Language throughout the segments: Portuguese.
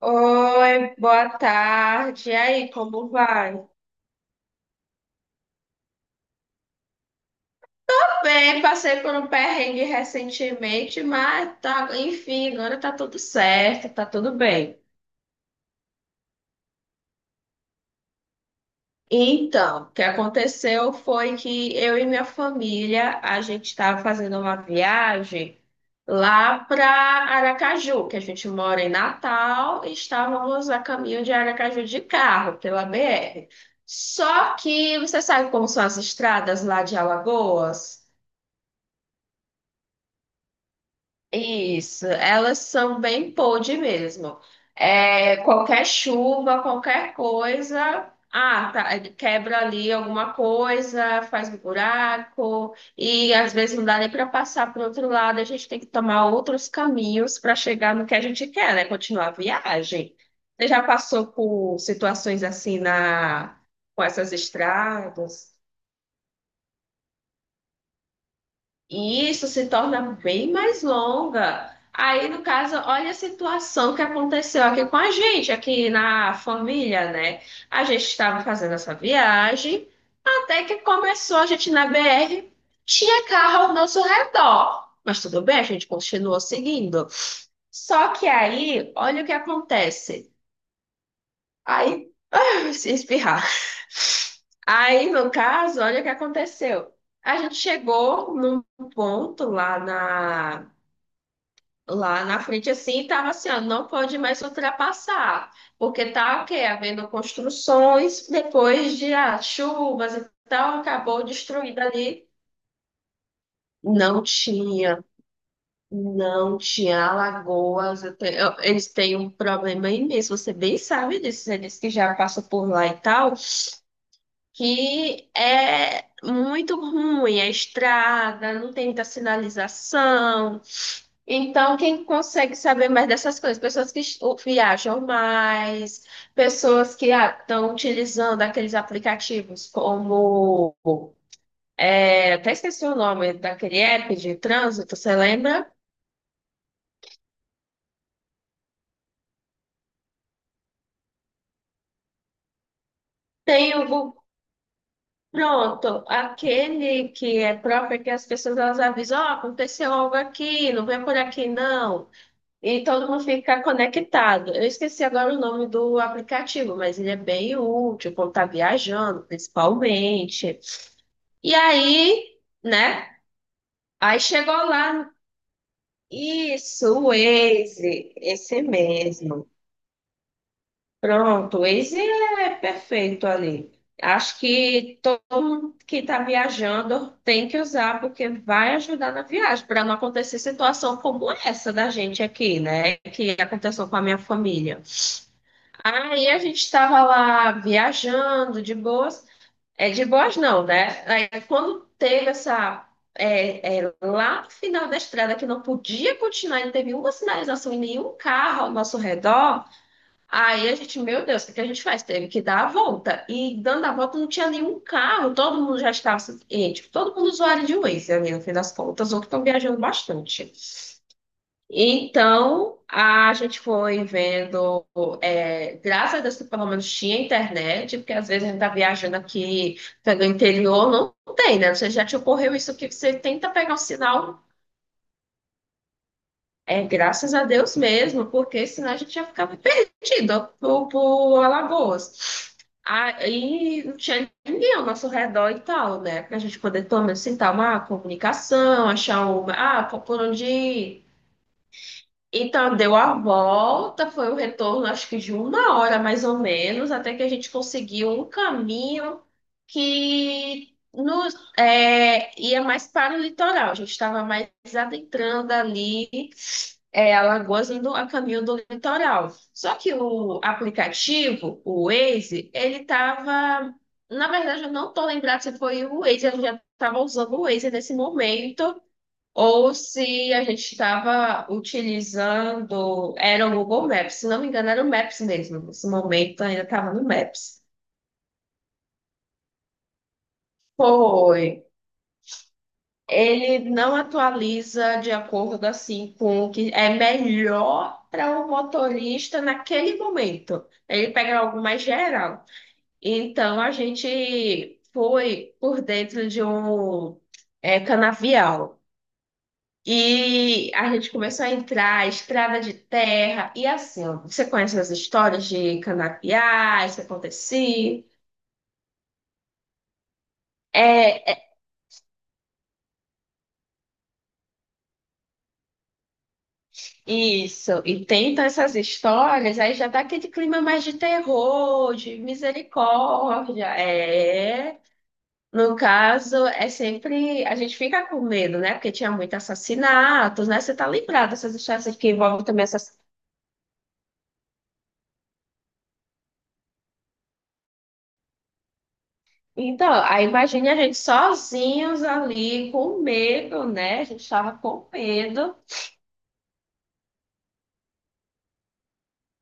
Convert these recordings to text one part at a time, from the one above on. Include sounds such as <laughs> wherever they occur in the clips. Oi, boa tarde. E aí, como vai? Tô bem, passei por um perrengue recentemente, mas tá, enfim, agora tá tudo certo, tá tudo bem. Então, o que aconteceu foi que eu e minha família, a gente estava fazendo uma viagem lá para Aracaju, que a gente mora em Natal, e estávamos a caminho de Aracaju de carro, pela BR. Só que você sabe como são as estradas lá de Alagoas? Isso, elas são bem pod mesmo. É, qualquer chuva, qualquer coisa, quebra ali alguma coisa, faz um buraco, e às vezes não dá nem para passar para o outro lado, a gente tem que tomar outros caminhos para chegar no que a gente quer, né? Continuar a viagem. Você já passou por situações assim na, com essas estradas? E isso se torna bem mais longa. Aí, no caso, olha a situação que aconteceu aqui com a gente, aqui na família, né? A gente estava fazendo essa viagem, até que começou a gente na BR, tinha carro ao nosso redor. Mas tudo bem, a gente continuou seguindo. Só que aí, olha o que acontece. Aí se espirrar. Aí, no caso, olha o que aconteceu. A gente chegou num ponto lá na frente, assim, e tava assim, ó, não pode mais ultrapassar, porque tá, o quê? Havendo construções, depois de chuvas e tal, acabou destruída ali. Não tinha, não tinha alagoas. Eles têm um problema imenso, você bem sabe disso, eles que já passam por lá e tal. Que é muito ruim a estrada, não tem muita sinalização. Então, quem consegue saber mais dessas coisas? Pessoas que viajam mais, pessoas que estão utilizando aqueles aplicativos como. Até esqueci o nome daquele app de trânsito, você lembra? Tem o Google. Pronto, aquele que é próprio que as pessoas elas avisam, ó, aconteceu algo aqui, não vem por aqui não. E todo mundo fica conectado. Eu esqueci agora o nome do aplicativo, mas ele é bem útil quando tá viajando, principalmente. E aí, né? Aí chegou lá. Isso, o Waze, esse mesmo. Pronto, o Waze é perfeito ali. Acho que todo mundo que está viajando tem que usar, porque vai ajudar na viagem, para não acontecer situação como essa da gente aqui, né? Que aconteceu com a minha família. Aí a gente estava lá viajando de boas, é de boas não, né? Aí quando teve essa lá no final da estrada que não podia continuar, não teve uma sinalização e nenhum carro ao nosso redor. Aí a gente, meu Deus, o que que a gente faz? Teve que dar a volta. E dando a volta não tinha nenhum carro, todo mundo já estava, assim, e, tipo, todo mundo usuário de Waze ali no fim das contas, ou que estão viajando bastante. Então, a gente foi vendo, graças a Deus que pelo menos tinha internet, porque às vezes a gente está viajando aqui pelo interior, não tem, né? Você já te ocorreu isso que você tenta pegar o sinal, é graças a Deus mesmo, porque senão a gente já ficava perdido por Alagoas. Aí não tinha ninguém ao nosso redor e tal, né? Para a gente poder, pelo menos, sentar uma comunicação, achar uma, por onde ir. Então, deu a volta, foi o retorno, acho que de 1 hora mais ou menos, até que a gente conseguiu um caminho que nos, ia mais para o litoral. A gente estava mais adentrando ali, é, Alagoas, indo a caminho do litoral. Só que o aplicativo, o Waze, ele estava. Na verdade, eu não estou lembrada se foi o Waze, eu já estava usando o Waze nesse momento. Ou se a gente estava utilizando, era o Google Maps, se não me engano, era o Maps mesmo. Nesse momento ainda estava no Maps. Foi. Ele não atualiza de acordo assim com o que é melhor para o motorista naquele momento. Ele pega algo mais geral. Então a gente foi por dentro de um canavial. E a gente começou a entrar, estrada de terra, e assim, ó, você conhece as histórias de canapiá, isso acontecia. É, é, isso, e tem então, essas histórias, aí já dá aquele clima mais de terror, de misericórdia. É. No caso, é sempre. A gente fica com medo, né? Porque tinha muito assassinatos, né? Você tá lembrado dessas histórias que envolvem também essas. Então, aí imagine a gente sozinhos ali com medo, né? A gente estava com medo.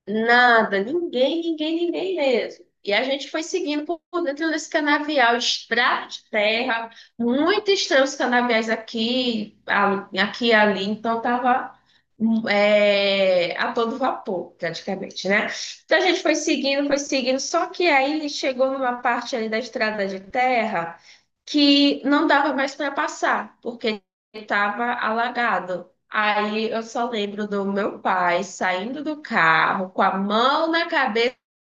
Nada, ninguém, ninguém, ninguém mesmo. E a gente foi seguindo por dentro desse canavial, estrada de terra, muito estranho os canaviais aqui, aqui e ali, então tava a todo vapor, praticamente, né? Então a gente foi seguindo, só que aí chegou numa parte ali da estrada de terra que não dava mais para passar, porque estava alagado. Aí eu só lembro do meu pai saindo do carro com a mão na cabeça,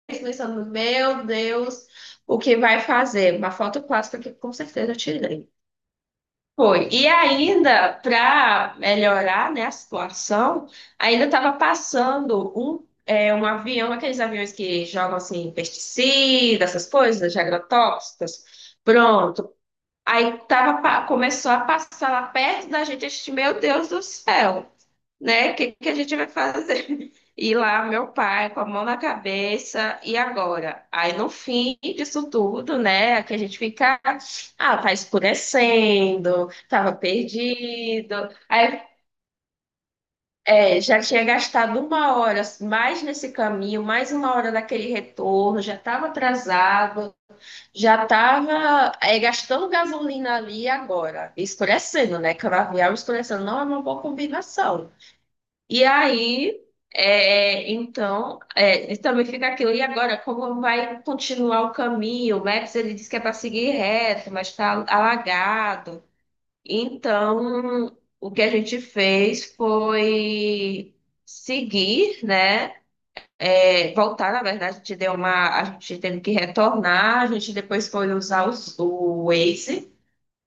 pensando, meu Deus, o que vai fazer? Uma foto clássica que com certeza eu tirei. Foi. E ainda, para melhorar, né, a situação, ainda estava passando um, um avião, aqueles aviões que jogam assim, pesticidas, essas coisas, de agrotóxicos. Pronto, aí tava, começou a passar lá perto da gente, a gente, meu Deus do céu, né? O que, que a gente vai fazer? <laughs> E lá, meu pai, com a mão na cabeça, e agora? Aí no fim disso tudo, né? Que a gente fica, tá escurecendo, tava perdido. Aí já tinha gastado 1 hora mais nesse caminho, mais 1 hora daquele retorno, já estava atrasado. Já estava gastando gasolina ali agora, escurecendo, né? Canavial escurecendo não é uma boa combinação. E aí, então, e também fica aquilo. E agora, como vai continuar o caminho? O Maps ele diz que é para seguir reto, mas está alagado. Então, o que a gente fez foi seguir, né? Voltar, na verdade, a gente deu uma. A gente teve que retornar, a gente depois foi usar o Waze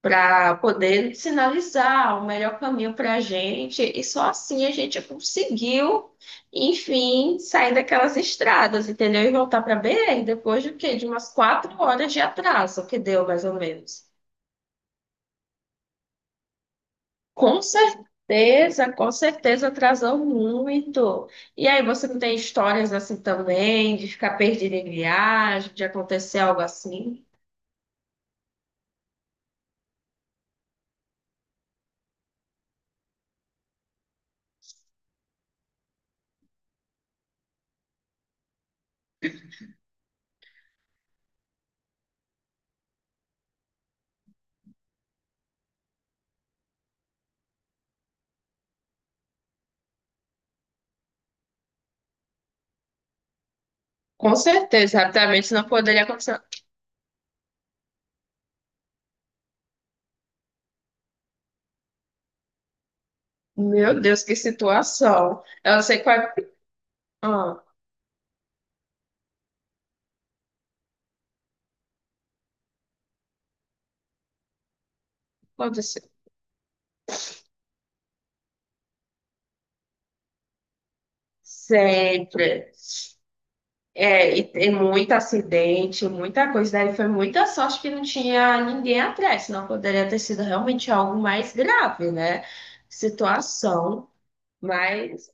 para poder sinalizar o melhor caminho para a gente, e só assim a gente conseguiu, enfim, sair daquelas estradas, entendeu? E voltar para BR depois de quê? De umas 4 horas de atraso que deu, mais ou menos. Com certeza, atrasou muito. E aí, você não tem histórias assim também, de ficar perdido em viagem, de acontecer algo assim? Com certeza, rapidamente não poderia acontecer. Meu Deus, que situação. Eu não sei qual é. Ah, aconteceu. Sempre. É, e tem muito acidente, muita coisa. Daí foi muita sorte que não tinha ninguém atrás, senão poderia ter sido realmente algo mais grave, né? Situação. Mas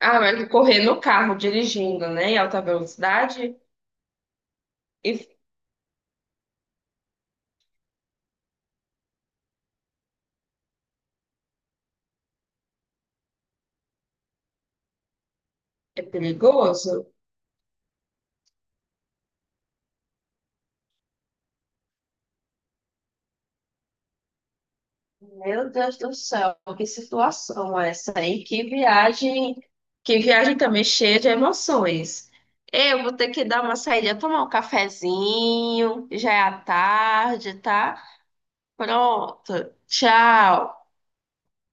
ah, mas correr no carro dirigindo, né, em alta velocidade e- é perigoso? Meu Deus do céu, que situação essa, hein? Que viagem. Que viagem também cheia de emoções. Eu vou ter que dar uma saída, tomar um cafezinho, já é à tarde, tá? Pronto, tchau.